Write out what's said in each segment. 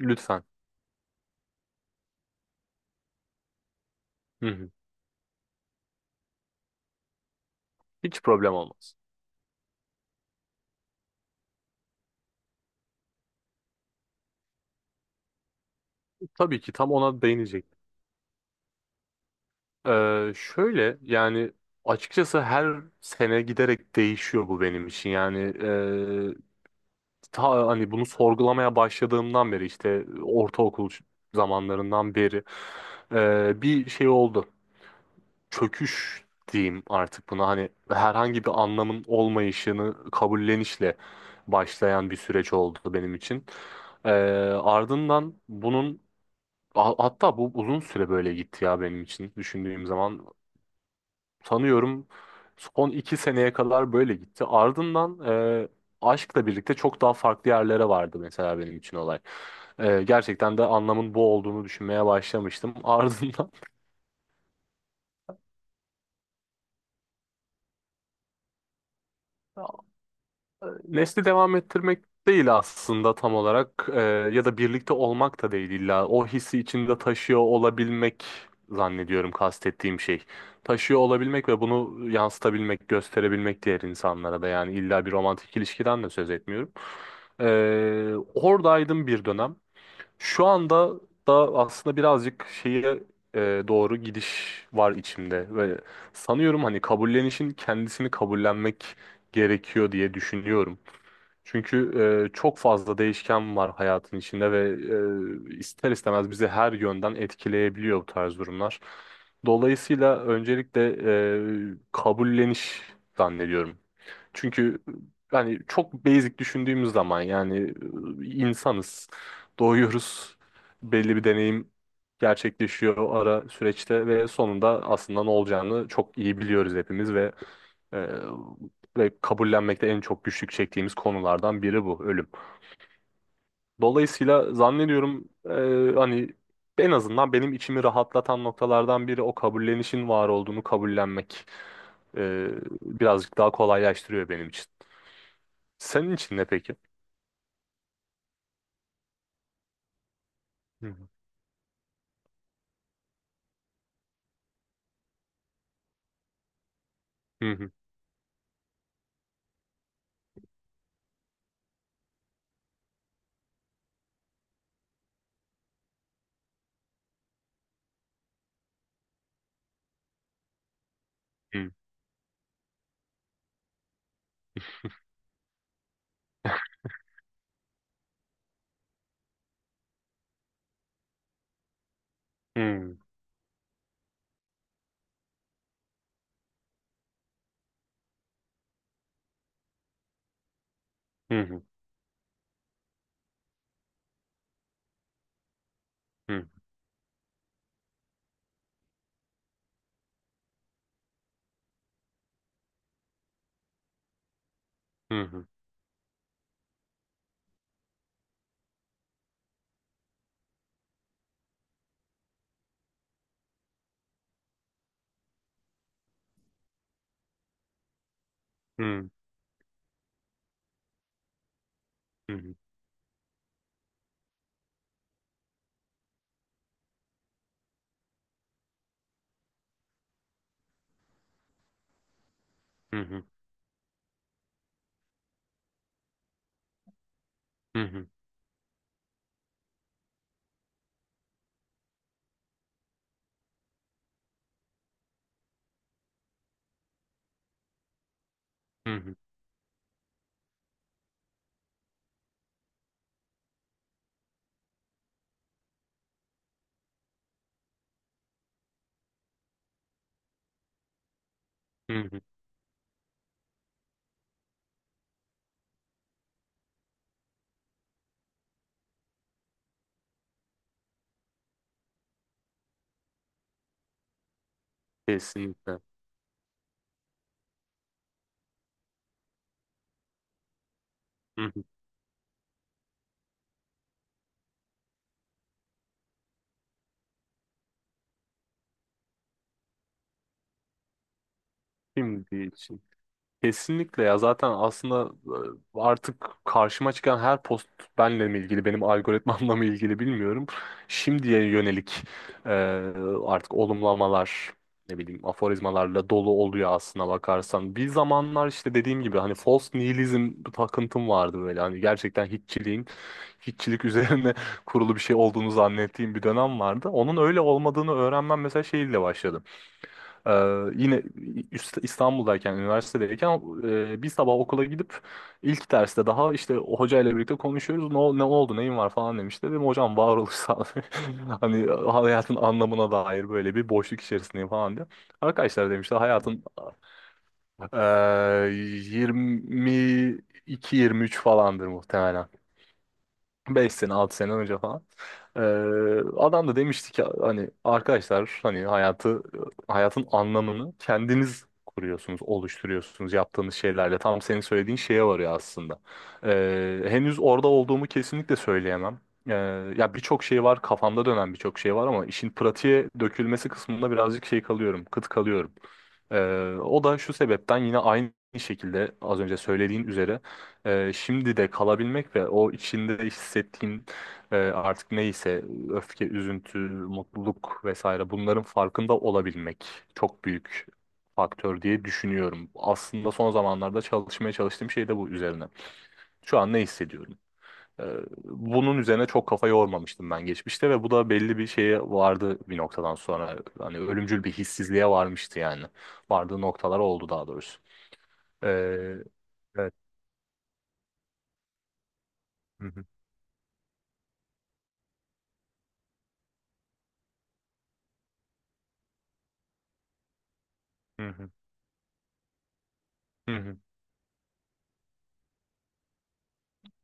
Lütfen. Hı hı. Hiç problem olmaz. Tabii ki tam ona değinecek. Şöyle yani açıkçası her sene giderek değişiyor bu benim için. Yani ta hani bunu sorgulamaya başladığımdan beri, işte ortaokul zamanlarından beri bir şey oldu. Çöküş diyeyim artık buna, hani herhangi bir anlamın olmayışını kabullenişle başlayan bir süreç oldu benim için. Ardından bunun hatta bu uzun süre böyle gitti ya, benim için düşündüğüm zaman. Sanıyorum son iki seneye kadar böyle gitti. Ardından e, aşkla birlikte çok daha farklı yerlere vardı mesela benim için olay. Gerçekten de anlamın bu olduğunu düşünmeye başlamıştım. Ardından nesli devam ettirmek değil aslında tam olarak. Ya da birlikte olmak da değil, illa o hissi içinde taşıyor olabilmek zannediyorum kastettiğim şey. Taşıyor olabilmek ve bunu yansıtabilmek, gösterebilmek diğer insanlara da. Yani illa bir romantik ilişkiden de söz etmiyorum. Oradaydım bir dönem. Şu anda da aslında birazcık şeye doğru gidiş var içimde ve sanıyorum hani kabullenişin kendisini kabullenmek gerekiyor diye düşünüyorum. Çünkü çok fazla değişken var hayatın içinde ve ister istemez bizi her yönden etkileyebiliyor bu tarz durumlar. Dolayısıyla öncelikle kabulleniş zannediyorum. Çünkü yani çok basic düşündüğümüz zaman yani insanız, doğuyoruz, belli bir deneyim gerçekleşiyor o ara süreçte ve sonunda aslında ne olacağını çok iyi biliyoruz hepimiz ve e, kabullenmekte en çok güçlük çektiğimiz konulardan biri bu ölüm. Dolayısıyla zannediyorum, hani en azından benim içimi rahatlatan noktalardan biri o kabullenişin var olduğunu kabullenmek. E, Birazcık daha kolaylaştırıyor benim için. Senin için ne peki? Hı hı, hı hı, hı hı, hı hı, hı hı, hı hı, hı hı, hı hı, hı hı, hı hı. Kesinlikle. Hı hı. Şimdi için. Kesinlikle ya. Zaten aslında artık karşıma çıkan her post benle mi ilgili, benim algoritmamla mı ilgili bilmiyorum. Şimdiye yönelik e, artık olumlamalar, ne bileyim, aforizmalarla dolu oluyor aslına bakarsan. Bir zamanlar işte dediğim gibi hani false nihilizm takıntım vardı böyle, hani gerçekten hiççilik üzerine kurulu bir şey olduğunu zannettiğim bir dönem vardı. Onun öyle olmadığını öğrenmem mesela şeyle başladı. Ee, Yine İstanbul'dayken, üniversitedeyken, bir sabah okula gidip ilk derste daha, işte o hocayla birlikte konuşuyoruz. Ne, ne oldu, neyin var falan demişti. Dedim hocam varoluş sağlığı. Hani hayatın anlamına dair böyle bir boşluk içerisindeyim falan diye. Arkadaşlar demişti hayatın 22-23 falandır muhtemelen. 5 sene 6 sene önce falan. Ee, Adam da demişti ki hani arkadaşlar, hani hayatın anlamını kendiniz kuruyorsunuz, oluşturuyorsunuz yaptığınız şeylerle. Tam senin söylediğin şeye varıyor aslında. Henüz orada olduğumu kesinlikle söyleyemem. Ee, Ya, birçok şey var kafamda dönen birçok şey var ama işin pratiğe dökülmesi kısmında birazcık şey kalıyorum, kıt kalıyorum. O da şu sebepten, yine aynı şekilde az önce söylediğin üzere şimdi de kalabilmek ve o içinde hissettiğin, artık neyse, öfke, üzüntü, mutluluk vesaire, bunların farkında olabilmek çok büyük faktör diye düşünüyorum. Aslında son zamanlarda çalışmaya çalıştığım şey de bu üzerine. Şu an ne hissediyorum? E, Bunun üzerine çok kafa yormamıştım ben geçmişte ve bu da belli bir şeye vardı bir noktadan sonra. Hani ölümcül bir hissizliğe varmıştı yani. Vardığı noktalar oldu daha doğrusu. E, evet. Hı hı. Hı hı. Hı hı.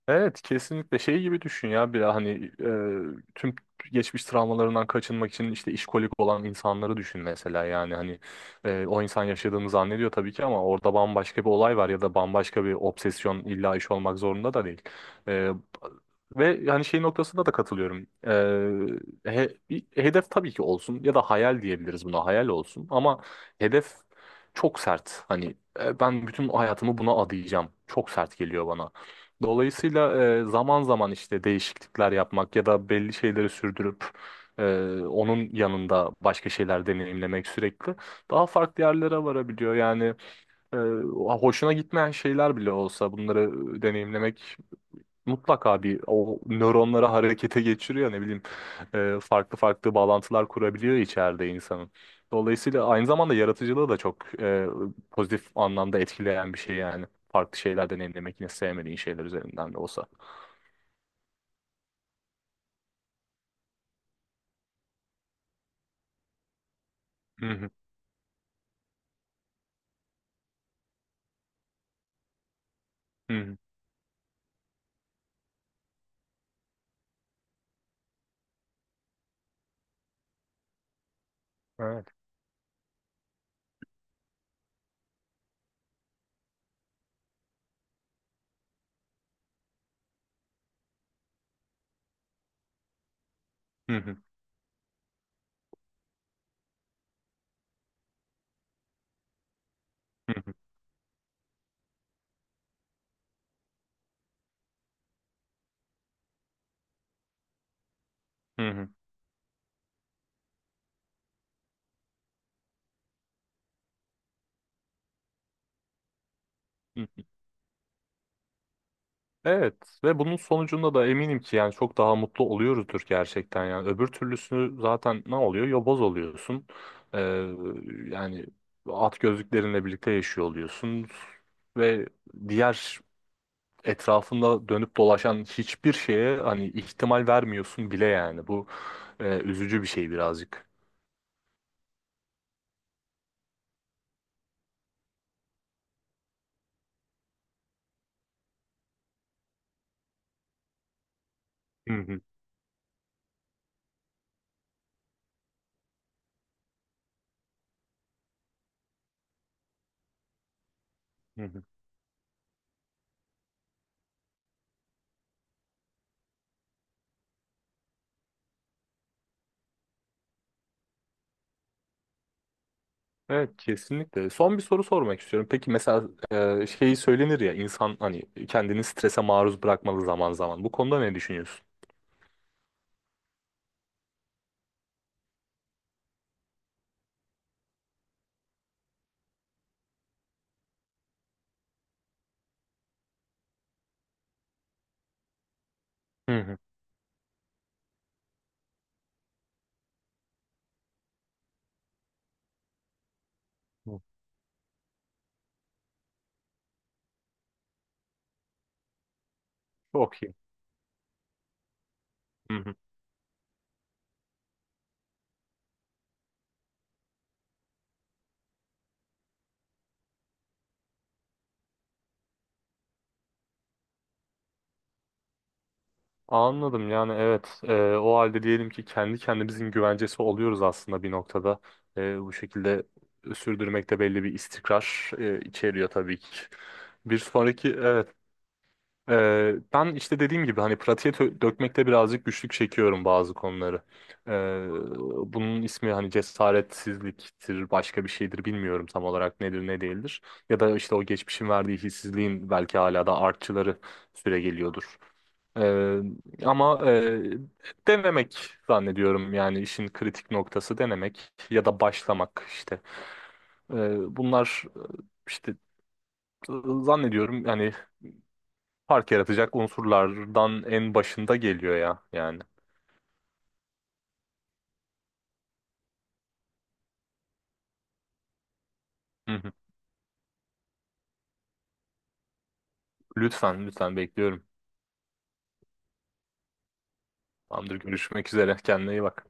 Evet, kesinlikle. Şey gibi düşün ya, bir hani tüm geçmiş travmalarından kaçınmak için işte işkolik olan insanları düşün mesela. Yani hani o insan yaşadığını zannediyor tabii ki ama orada bambaşka bir olay var ya da bambaşka bir obsesyon, illa iş olmak zorunda da değil. E, Ve yani şey noktasında da katılıyorum. Bir hedef tabii ki olsun ya da hayal diyebiliriz buna, hayal olsun ama hedef çok sert. Hani ben bütün hayatımı buna adayacağım çok sert geliyor bana. Dolayısıyla zaman zaman işte değişiklikler yapmak ya da belli şeyleri sürdürüp e, onun yanında başka şeyler deneyimlemek sürekli daha farklı yerlere varabiliyor. Yani e, hoşuna gitmeyen şeyler bile olsa bunları deneyimlemek mutlaka bir o nöronları harekete geçiriyor, ne bileyim, farklı farklı bağlantılar kurabiliyor içeride insanın. Dolayısıyla aynı zamanda yaratıcılığı da çok pozitif anlamda etkileyen bir şey yani. Farklı şeyler deneyimlemek, yine sevmediğin şeyler üzerinden de olsa. Hı hı, hı hı. Evet. Hı hı, hı hı, hı hı, hı. Evet ve bunun sonucunda da eminim ki yani çok daha mutlu oluyoruzdur gerçekten. Yani öbür türlüsü zaten ne oluyor? Yoboz oluyorsun. Ee, Yani at gözlüklerinle birlikte yaşıyor oluyorsun ve diğer, etrafında dönüp dolaşan hiçbir şeye hani ihtimal vermiyorsun bile. Yani bu üzücü bir şey birazcık. Hı hı, hı hı. Evet, kesinlikle. Son bir soru sormak istiyorum. Peki mesela şeyi söylenir ya insan, hani kendini strese maruz bırakmalı zaman zaman. Bu konuda ne düşünüyorsun? Hı hı. Hı. Çok iyi. Hı hı. Anladım. Yani evet, o halde diyelim ki kendi kendimizin güvencesi oluyoruz aslında bir noktada. Bu şekilde sürdürmekte belli bir istikrar içeriyor tabii ki. Bir sonraki evet. Ben işte dediğim gibi hani pratiğe dökmekte birazcık güçlük çekiyorum bazı konuları. Ee, Bunun ismi hani cesaretsizliktir, başka bir şeydir, bilmiyorum tam olarak nedir ne değildir. Ya da işte o geçmişin verdiği hissizliğin belki hala da artçıları süre geliyordur. Ee, ama denemek zannediyorum. Yani işin kritik noktası denemek ya da başlamak işte. Bunlar işte zannediyorum yani fark yaratacak unsurlardan en başında geliyor ya yani. Hı hı. Lütfen, lütfen, bekliyorum. Tamamdır, görüşmek üzere. Kendine iyi bak.